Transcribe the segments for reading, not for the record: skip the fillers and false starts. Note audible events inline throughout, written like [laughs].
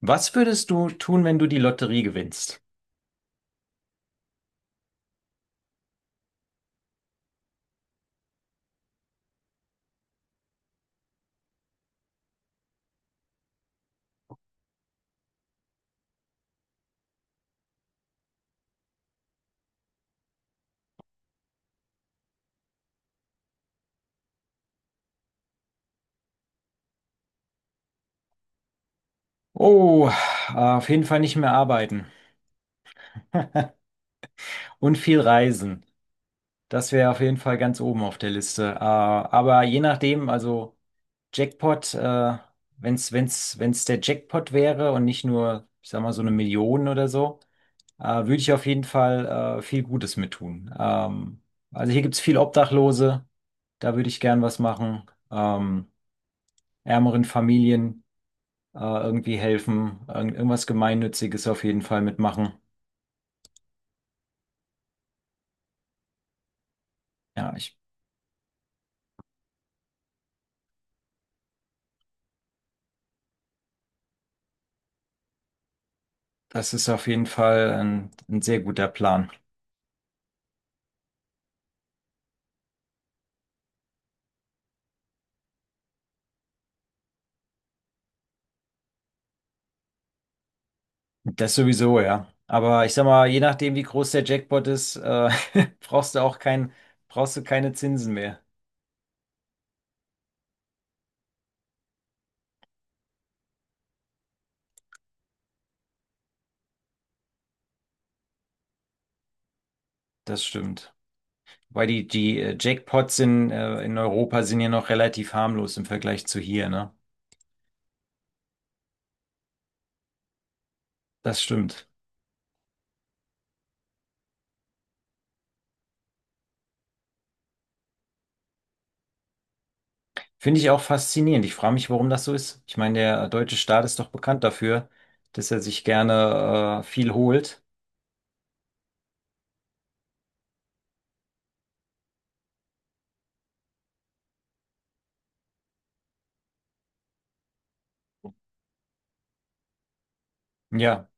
Was würdest du tun, wenn du die Lotterie gewinnst? Oh, auf jeden Fall nicht mehr arbeiten und viel reisen. Das wäre auf jeden Fall ganz oben auf der Liste. Aber je nachdem, also Jackpot, wenn's der Jackpot wäre und nicht nur, ich sag mal, so eine Million oder so. Würde ich auf jeden Fall viel Gutes mit tun. Also hier gibt's viel Obdachlose, da würde ich gern was machen. Ähm, Ärmeren Familien irgendwie helfen, irgendwas Gemeinnütziges auf jeden Fall mitmachen. Ja, das ist auf jeden Fall ein sehr guter Plan. Das sowieso, ja. Aber ich sag mal, je nachdem, wie groß der Jackpot ist, [laughs] brauchst du auch kein, brauchst du keine Zinsen mehr. Das stimmt. Weil die Jackpots in Europa sind ja noch relativ harmlos im Vergleich zu hier, ne? Das stimmt. Finde ich auch faszinierend. Ich frage mich, warum das so ist. Ich meine, der deutsche Staat ist doch bekannt dafür, dass er sich gerne viel holt. Ja,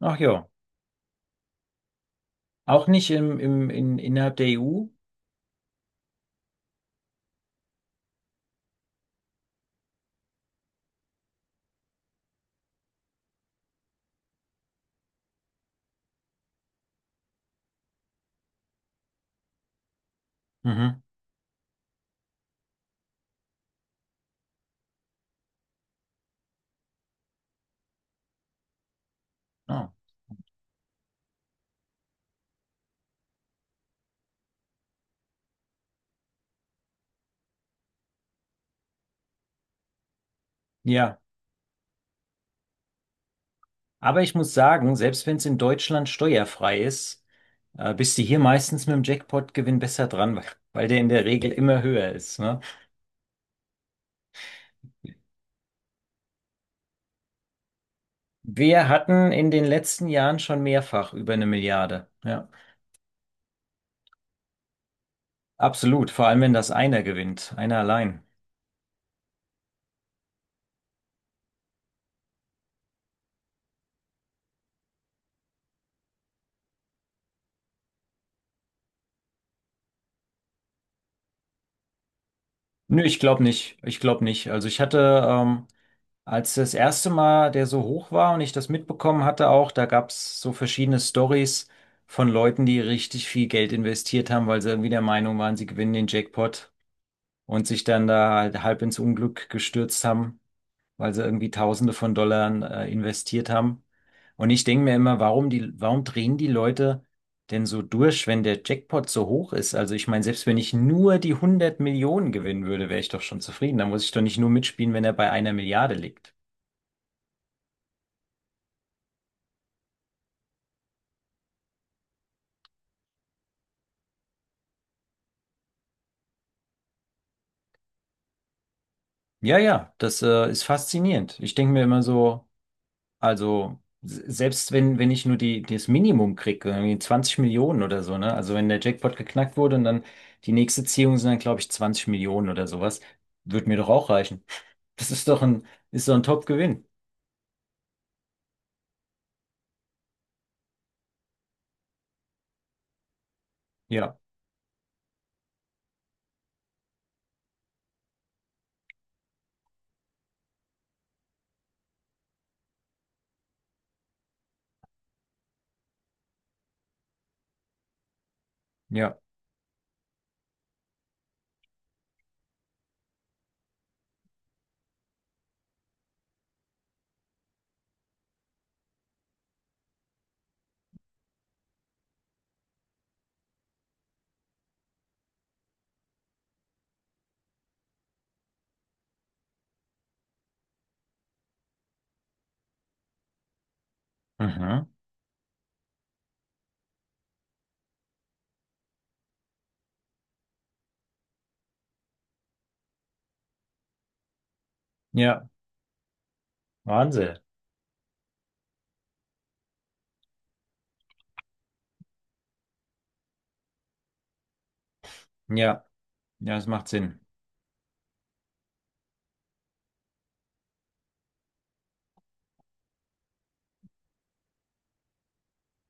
ach ja. Auch nicht innerhalb der EU? Mhm. Ah, ja, aber ich muss sagen, selbst wenn es in Deutschland steuerfrei ist, bist du hier meistens mit dem Jackpot-Gewinn besser dran, weil weil der in der Regel immer höher ist, ne? Wir hatten in den letzten Jahren schon mehrfach über eine Milliarde. Ja, absolut. Vor allem, wenn das einer gewinnt, einer allein. Nö, ich glaube nicht. Ich glaube nicht. Also ich hatte, als das erste Mal der so hoch war und ich das mitbekommen hatte auch, da gab's so verschiedene Stories von Leuten, die richtig viel Geld investiert haben, weil sie irgendwie der Meinung waren, sie gewinnen den Jackpot und sich dann da halt halb ins Unglück gestürzt haben, weil sie irgendwie Tausende von Dollar investiert haben. Und ich denke mir immer, warum drehen die Leute denn so durch, wenn der Jackpot so hoch ist? Also ich meine, selbst wenn ich nur die 100 Millionen gewinnen würde, wäre ich doch schon zufrieden. Da muss ich doch nicht nur mitspielen, wenn er bei einer Milliarde liegt. Ja, ja, das ist faszinierend. Ich denke mir immer so, also selbst wenn ich nur die, das Minimum kriege, irgendwie 20 Millionen oder so, ne? Also wenn der Jackpot geknackt wurde und dann die nächste Ziehung sind dann, glaube ich, 20 Millionen oder sowas, wird mir doch auch reichen. [laughs] Das ist doch ein Top-Gewinn. Ja, ja. Mhm. Ja, Wahnsinn. Ja, ja, das macht Sinn.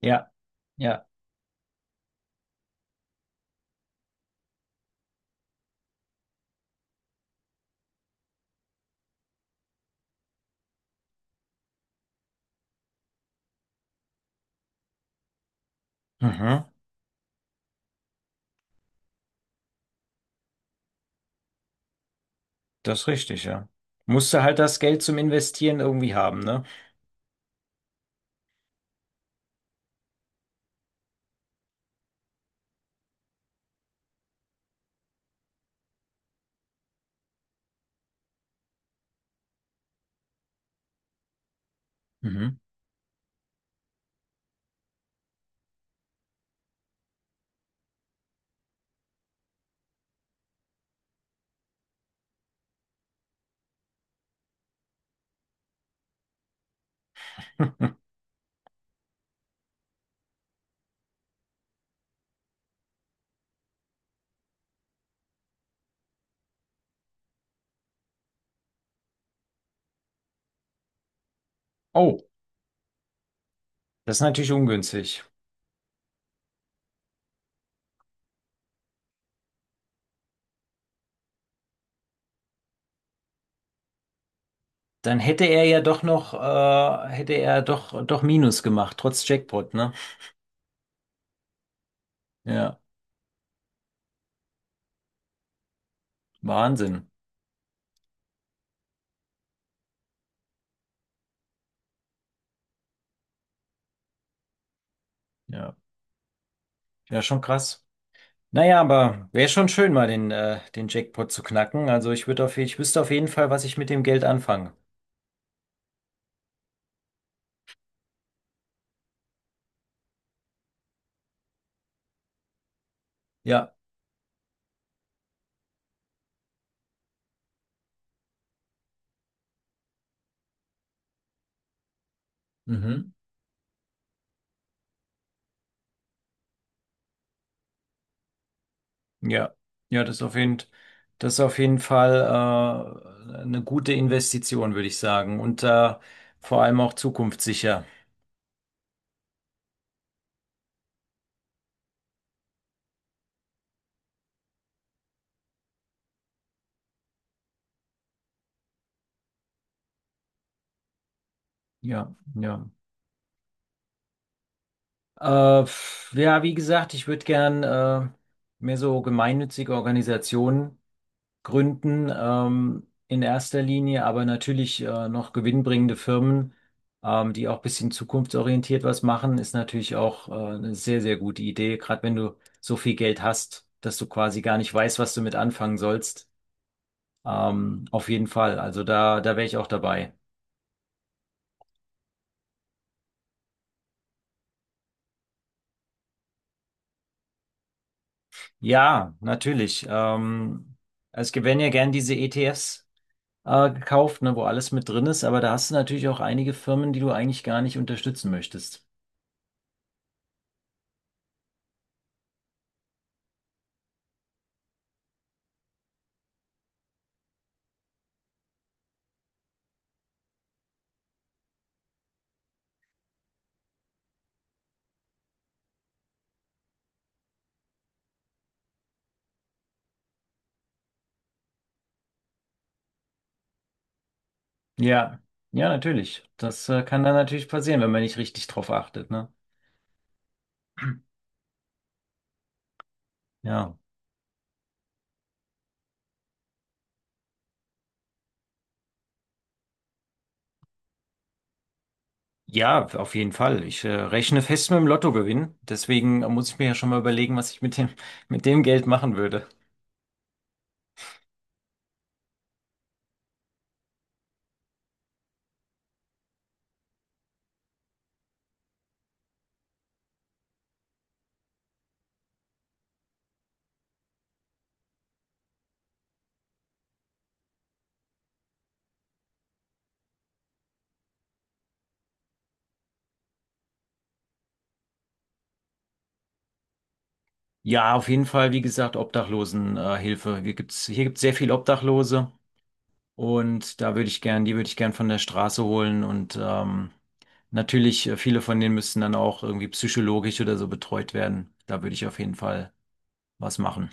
Ja, ja. Mhm. Das ist richtig, ja. Musst du halt das Geld zum Investieren irgendwie haben, ne? Mhm. [laughs] Oh, das ist natürlich ungünstig. Dann hätte er ja doch noch, doch Minus gemacht, trotz Jackpot, ne? Ja, Wahnsinn. Ja, ja, schon krass. Naja, aber wäre schon schön, mal den, den Jackpot zu knacken. Also ich würde auf, ich wüsste auf jeden Fall, was ich mit dem Geld anfange. Ja. Mhm. Ja. Ja, das ist auf jeden Fall eine gute Investition, würde ich sagen. Und vor allem auch zukunftssicher. Ja, ja. Ja, wie gesagt, ich würde gern mehr so gemeinnützige Organisationen gründen, in erster Linie, aber natürlich noch gewinnbringende Firmen, die auch ein bisschen zukunftsorientiert was machen, ist natürlich auch eine sehr, sehr gute Idee, gerade wenn du so viel Geld hast, dass du quasi gar nicht weißt, was du mit anfangen sollst. Auf jeden Fall, also da wäre ich auch dabei. Ja, natürlich. Es gibt, wenn ja gern diese ETFs gekauft, ne, wo alles mit drin ist, aber da hast du natürlich auch einige Firmen, die du eigentlich gar nicht unterstützen möchtest. Ja, ja, natürlich. Das kann dann natürlich passieren, wenn man nicht richtig drauf achtet, ne? Ja. Ja, auf jeden Fall. Ich rechne fest mit dem Lottogewinn. Deswegen muss ich mir ja schon mal überlegen, was ich mit dem, [laughs] mit dem Geld machen würde. Ja, auf jeden Fall, wie gesagt, Obdachlosenhilfe. Hilfe. Hier gibt's, hier gibt's sehr viel Obdachlose. Und da würde ich gern, die würde ich gern von der Straße holen, und natürlich, viele von denen müssten dann auch irgendwie psychologisch oder so betreut werden. Da würde ich auf jeden Fall was machen.